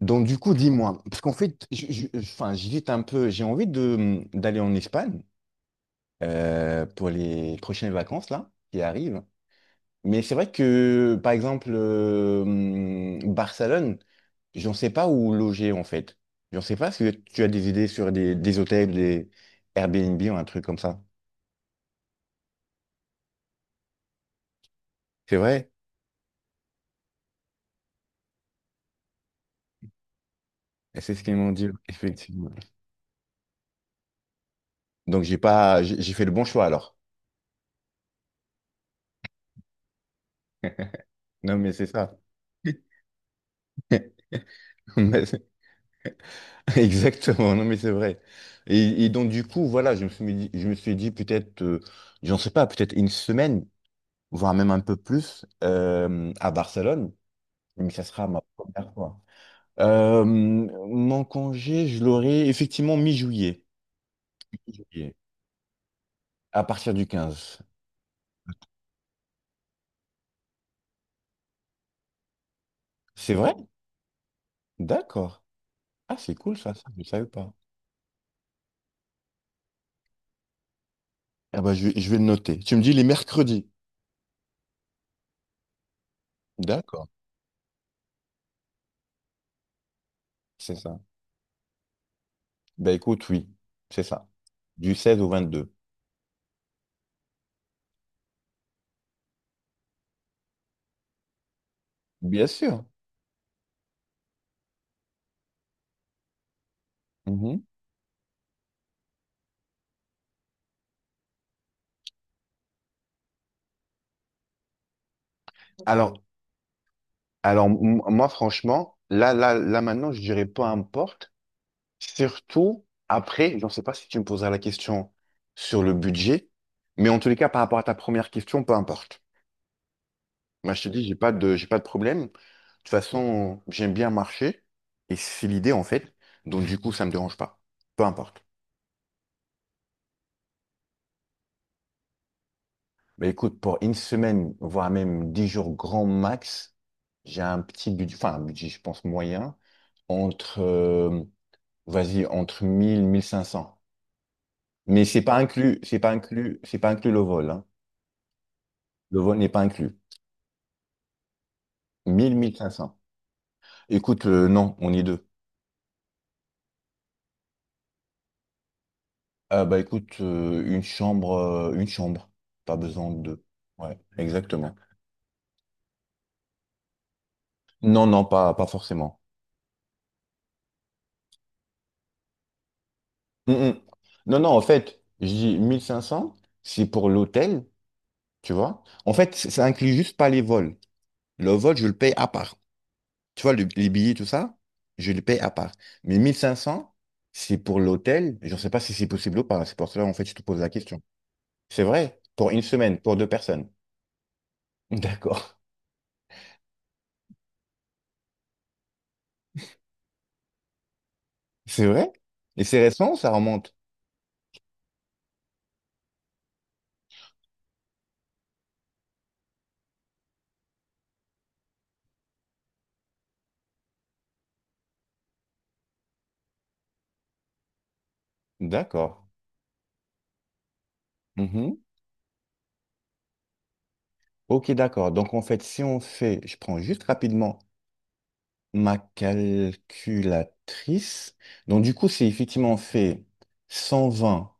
Donc, du coup, dis-moi, parce qu'en fait, enfin, j'hésite un peu, j'ai envie d'aller en Espagne pour les prochaines vacances, là, qui arrivent. Mais c'est vrai que, par exemple, Barcelone, j'en sais pas où loger, en fait. J'en sais pas si tu as des idées sur des hôtels, des Airbnb ou un truc comme ça. C'est vrai? Et c'est ce qu'ils m'ont dit, effectivement. Donc, j'ai pas, j'ai fait le bon choix, alors. Non, mais c'est ça. Exactement, non mais c'est vrai. Et donc du coup, voilà, je me suis dit peut-être, j'en sais pas, peut-être une semaine, voire même un peu plus, à Barcelone, mais ça sera ma première fois. Mon congé, je l'aurai effectivement mi-juillet, à partir du 15. C'est vrai? D'accord. Ah, c'est cool ça, je ne savais pas. Ah bah, je vais le noter. Tu me dis les mercredis. D'accord, c'est ça. Bah écoute, oui, c'est ça. Du 16 au 22. Bien sûr. Mhm. Alors, alors, moi, franchement, là, là, là, maintenant, je dirais peu importe. Surtout après, je ne sais pas si tu me poseras la question sur le budget, mais en tous les cas, par rapport à ta première question, peu importe. Moi, je te dis, j'ai pas de problème. De toute façon, j'aime bien marcher et c'est l'idée, en fait. Donc, du coup, ça me dérange pas. Peu importe. Mais écoute, pour une semaine, voire même 10 jours grand max, j'ai un petit budget, enfin, un budget, je pense, moyen, entre Vas-y, entre mille cinq cents. Mais c'est pas inclus, c'est pas inclus, c'est pas inclus le vol, hein. Le vol n'est pas inclus. Mille cinq cents. Écoute, non, on est deux. Ah bah écoute, une chambre, une chambre. Pas besoin de deux. Ouais, exactement. Non, non, pas forcément. Mm, mm. Non, non, en fait, je dis 1 500 c'est pour l'hôtel, tu vois. En fait, ça inclut juste pas les vols. Le vol, je le paye à part. Tu vois, les billets, tout ça, je les paye à part. Mais 1 500 c'est pour l'hôtel. Je ne sais pas si c'est possible ou pas. C'est pour cela, en fait, je te pose la question. C'est vrai, pour une semaine, pour deux personnes. D'accord. C'est vrai? Et c'est récent, ça remonte. D'accord. Mhm. Ok, d'accord. Donc, en fait, si on fait, je prends juste rapidement ma calculatrice. Donc, du coup, c'est effectivement on fait 120.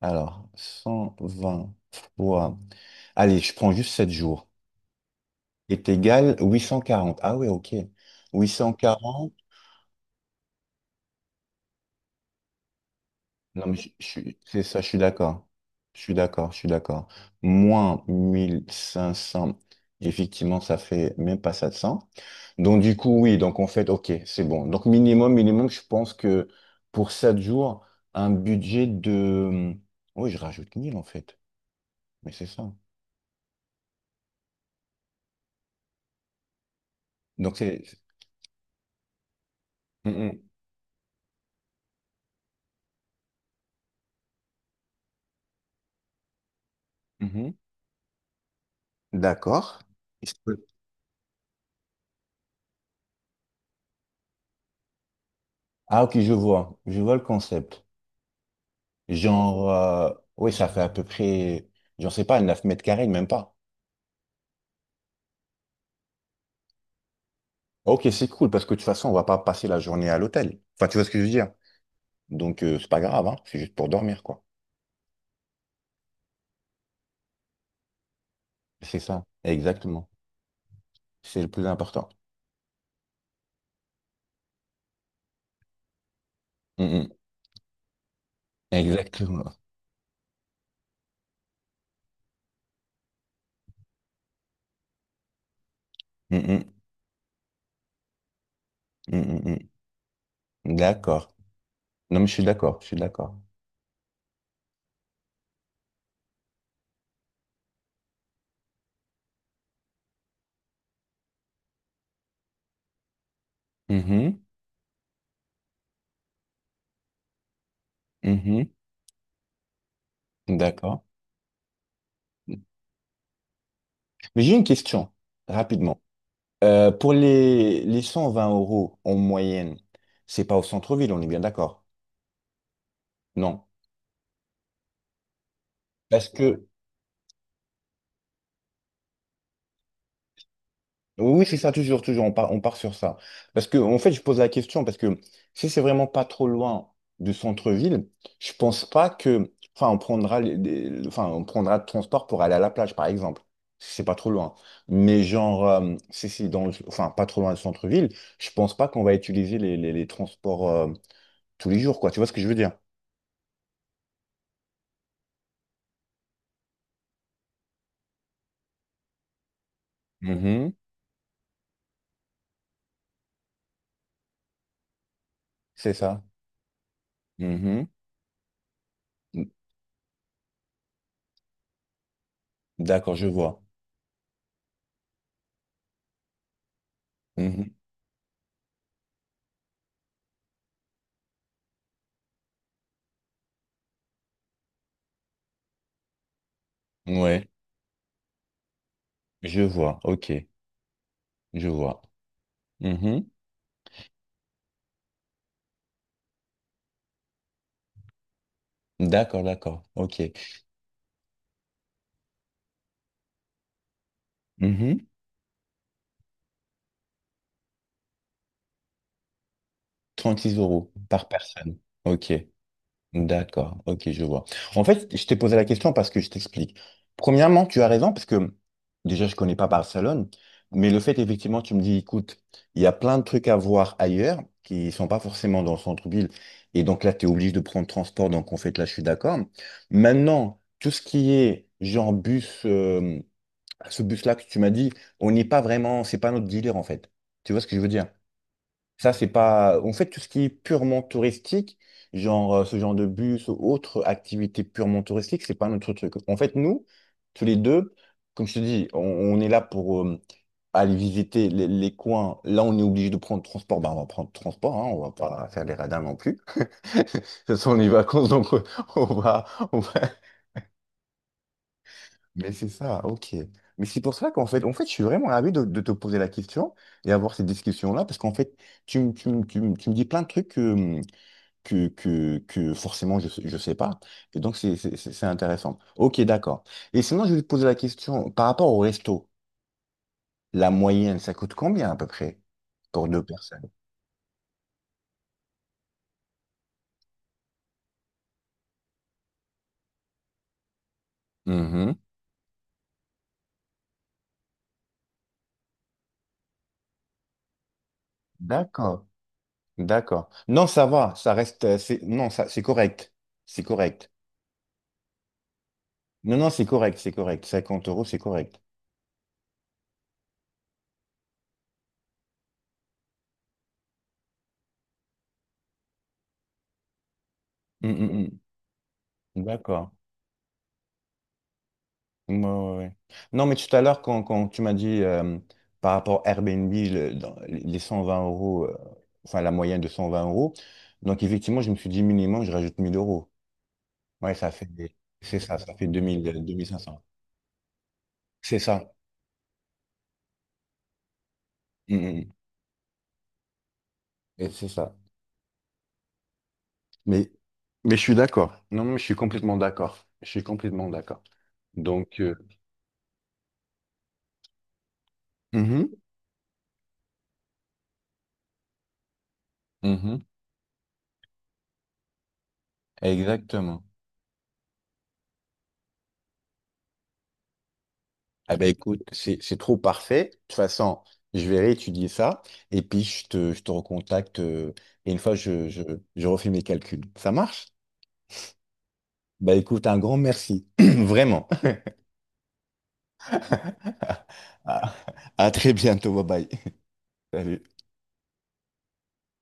Alors, 120 fois. Allez, je prends juste 7 jours. Est égal 840. Ah oui, ok. 840. Non, mais c'est ça, je suis d'accord. Je suis d'accord, je suis d'accord. Moins 1 500, effectivement, ça fait même pas 700. Donc, du coup, oui, donc en fait, ok, c'est bon. Donc, minimum, minimum, je pense que pour 7 jours, un budget de. Oui, je rajoute 1 000, en fait. Mais c'est ça. Donc, c'est. Mhm, mhm. D'accord. Ah, ok, je vois. Je vois le concept. Genre, oui, ça fait à peu près, j'en sais pas, 9 mètres carrés, même pas. Ok, c'est cool, parce que de toute façon, on va pas passer la journée à l'hôtel. Enfin, tu vois ce que je veux dire? Donc, c'est pas grave, hein, c'est juste pour dormir, quoi. C'est ça, exactement. C'est le plus important. Mm, mm. Exactement. Mm, mm. Mm, mm, mm. D'accord. Non, mais je suis d'accord, je suis d'accord. Mhm, mhm. D'accord. Mais j'ai une question, rapidement. Pour les 120 euros en moyenne, c'est pas au centre-ville, on est bien d'accord? Non. Parce que, oui, oui, c'est ça, toujours, toujours, on part sur ça. Parce que, en fait, je pose la question, parce que si c'est vraiment pas trop loin du centre-ville, je pense pas que, enfin, on prendra, enfin, on prendra le transport pour aller à la plage, par exemple. Si c'est pas trop loin. Mais genre, si c'est enfin, pas trop loin du centre-ville, je pense pas qu'on va utiliser les transports, tous les jours, quoi. Tu vois ce que je veux dire? Mhm. C'est ça. Mhm. D'accord, je vois. Mhm. Ouais, je vois. Ok, je vois. Mhm. D'accord, d'accord. OK. Mhm. 36 euros par personne. OK. D'accord. OK, je vois. En fait, je t'ai posé la question parce que je t'explique. Premièrement, tu as raison parce que déjà, je connais pas Barcelone, mais le fait, effectivement, tu me dis, écoute, il y a plein de trucs à voir ailleurs qui sont pas forcément dans le centre-ville. Et donc là, tu es obligé de prendre transport. Donc, en fait, là, je suis d'accord. Maintenant, tout ce qui est genre bus, ce bus-là que tu m'as dit, on n'est pas vraiment, c'est pas notre dealer, en fait. Tu vois ce que je veux dire? Ça, c'est pas. En fait, tout ce qui est purement touristique, genre ce genre de bus ou autre activité purement touristique, c'est pas notre truc. En fait, nous, tous les deux, comme je te dis, on est là pour aller visiter les coins. Là, on est obligé de prendre transport. Ben, on va prendre transport, hein, on va pas faire les radins non plus. Ce sont les vacances, donc on va, on va- Mais c'est ça, ok. Mais c'est pour ça qu'en fait, je suis vraiment ravi de te poser la question et avoir cette discussion-là, parce qu'en fait, tu me dis plein de trucs que forcément je ne sais pas. Et donc, c'est intéressant. Ok, d'accord. Et sinon, je vais te poser la question par rapport au resto. La moyenne, ça coûte combien à peu près pour deux personnes? Mhm. D'accord, d'accord. Non, ça va, ça reste, c'est, non, ça, c'est correct. C'est correct. Non, non, c'est correct, c'est correct. 50 euros, c'est correct. Mm, mm, mm. D'accord. Ouais, ouais, ouais. Non, mais tout à l'heure, quand tu m'as dit par rapport à Airbnb, dans les 120 euros, enfin la moyenne de 120 euros, donc effectivement, je me suis dit minimum, je rajoute 1 000 euros. Ouais, ça fait, 2000, 2500. C'est ça. Mm, mm. Et c'est ça. Mais, mais, je suis d'accord. Non, mais je suis complètement d'accord. Je suis complètement d'accord. Donc, mhm, mhm, exactement. Ah ben écoute, c'est trop parfait. De toute façon, je vais réétudier ça et puis je te recontacte et une fois je refais mes calculs. Ça marche? Bah écoute, un grand merci. Vraiment. à à très bientôt. Bye bye. Salut.